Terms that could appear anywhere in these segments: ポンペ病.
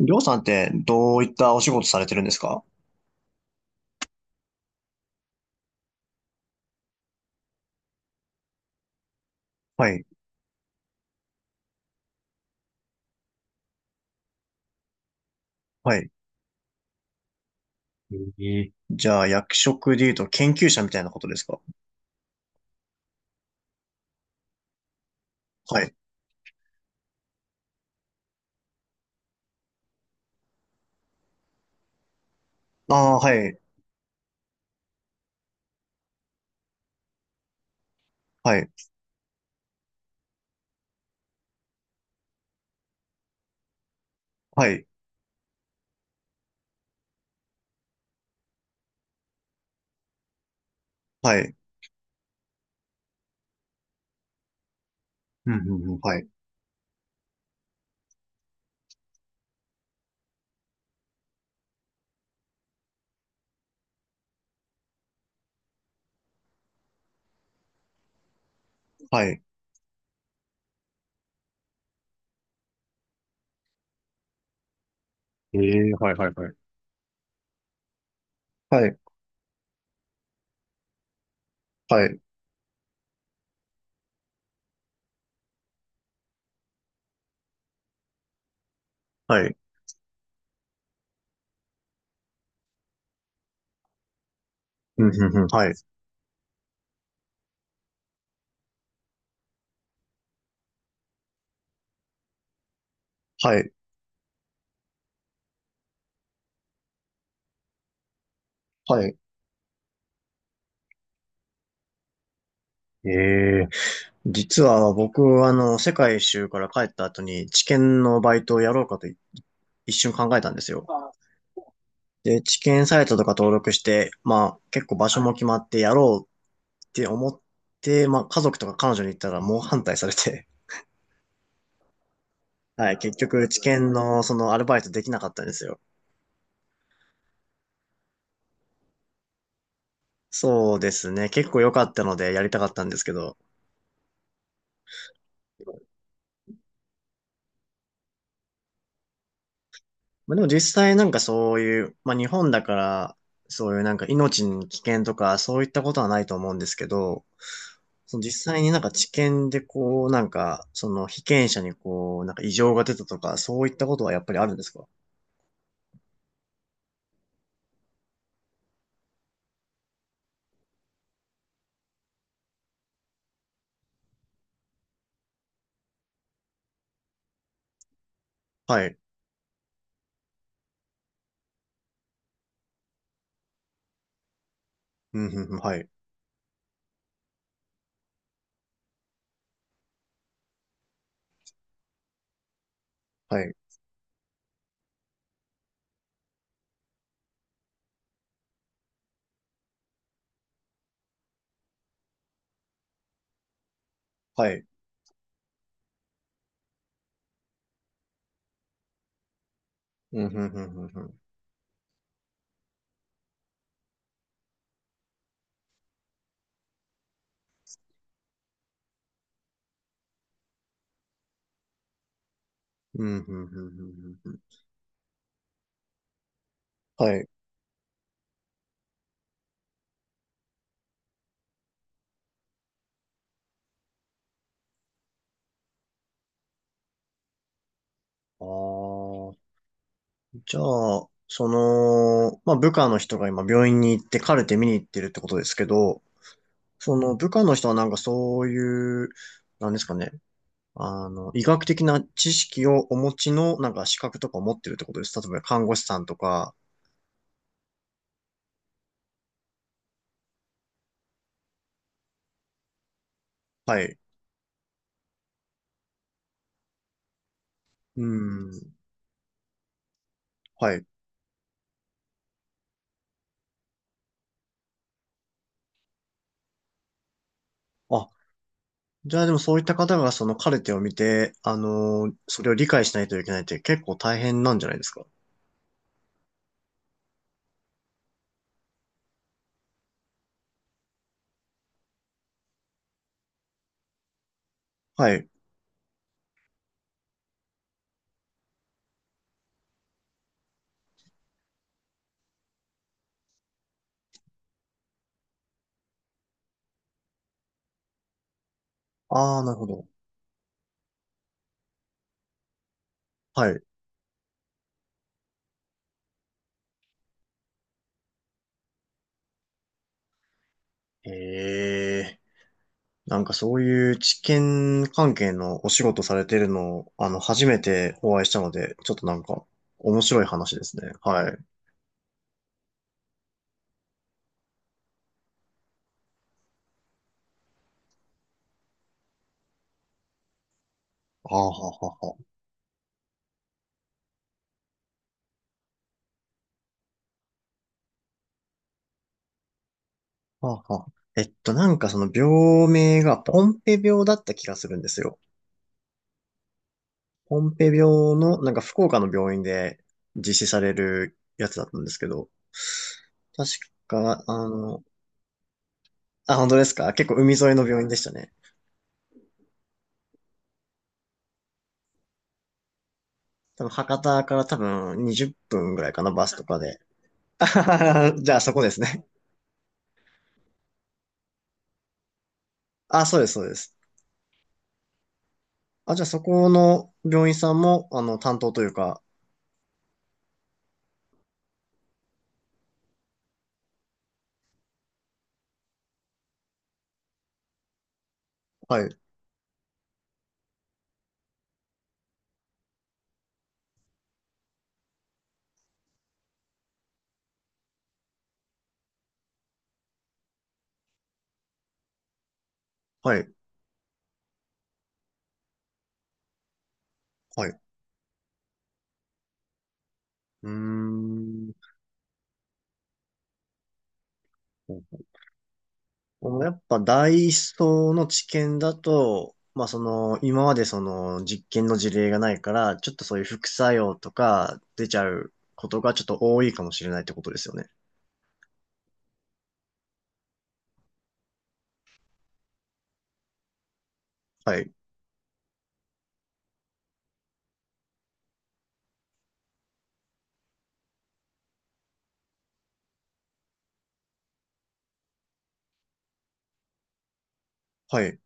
りょうさんってどういったお仕事されてるんですか？はい。はい。ええ。じゃあ、役職で言うと研究者みたいなことですか？はい。ああ、はい。はい。はい。はい。うん、うん、うん。はい。はい。ええはいはいはい。はい。はい。はい。うん、うん、うん。はい。はい。はい。ええ。実は僕、世界一周から帰った後に、知見のバイトをやろうかと一瞬考えたんですよ。で、知見サイトとか登録して、まあ、結構場所も決まってやろうって思って、まあ、家族とか彼女に言ったら猛反対されて、はい、結局、知見のそのアルバイトできなかったんですよ。そうですね。結構良かったのでやりたかったんですけど。まあ、でも実際なんかそういう、まあ日本だから、そういうなんか命に危険とかそういったことはないと思うんですけど、その実際になんか治験でこう、なんか、その被験者にこう、なんか異常が出たとか、そういったことはやっぱりあるんですか？はい。うん、うん、うんはい。はい。はい。うん、うん、うん、うんうん。うん、うん、うん、うんうん。はい。ああ、じゃあ、その、まあ、部下の人が今病院に行ってカルテ見に行ってるってことですけど、その部下の人はなんかそういう、なんですかね、あの、医学的な知識をお持ちのなんか資格とかを持ってるってことです。例えば看護師さんとか、はい。うん、はい。あ、じゃあでもそういった方がそのカルテを見て、あの、それを理解しないといけないって結構大変なんじゃないですか？はい。ああ、なるほど。はい。ええ、なんかそういう知見関係のお仕事されてるのを、あの、初めてお会いしたので、ちょっとなんか、面白い話ですね。はい。ああ、ははは。はあはあ。なんかその病名がポンペ病だった気がするんですよ。ポンペ病の、なんか福岡の病院で実施されるやつだったんですけど、確か、あ、本当ですか？結構海沿いの病院でしたね。多分博多から多分20分ぐらいかな、バスとかで。あはははじゃあそこですね。あ、そうです、そうです。あ、じゃあそこの病院さんも、あの、担当というか、はい、はい、はい。うーん。このやっぱダイソーの知見だと、まあその、今までその実験の事例がないから、ちょっとそういう副作用とか出ちゃうことがちょっと多いかもしれないってことですよね。はい。はい。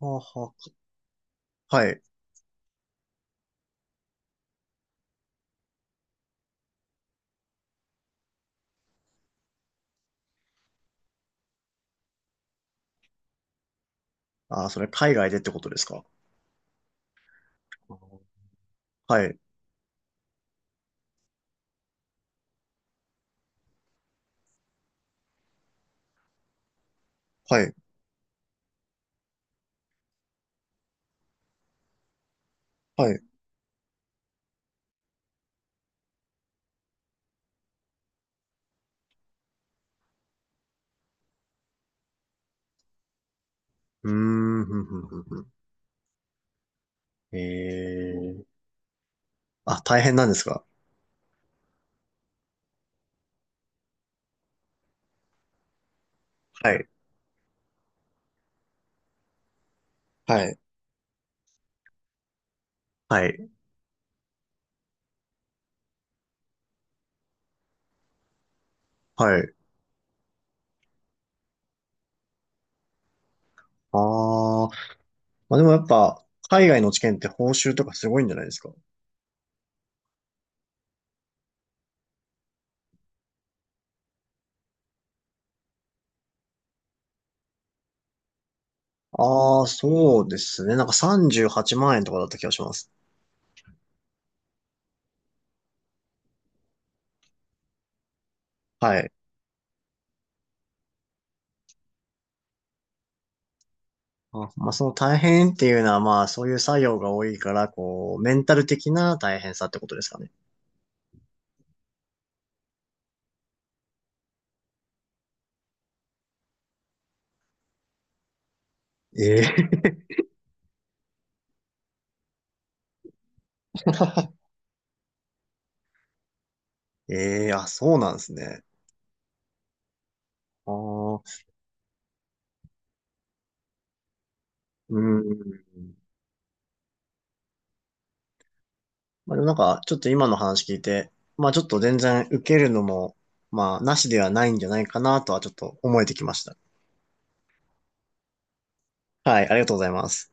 はあはあはい。あー、それ海外でってことですか？はい。はい。はい。うーん。ふんふんふんふんええあ、大変なんですか？はい。はい。はい。はい。ああ、まあでもやっぱ、海外の知見って報酬とかすごいんじゃないですか？ああそうですね。なんか38万円とかだった気がします。はい。あ、まあその大変っていうのはまあそういう作業が多いから、こう、メンタル的な大変さってことですかね。ええええあ、そうなんですね。ああ、うん。まあ、でもなんか、ちょっと今の話聞いて、まあちょっと全然受けるのも、まあなしではないんじゃないかなとはちょっと思えてきました。はい、ありがとうございます。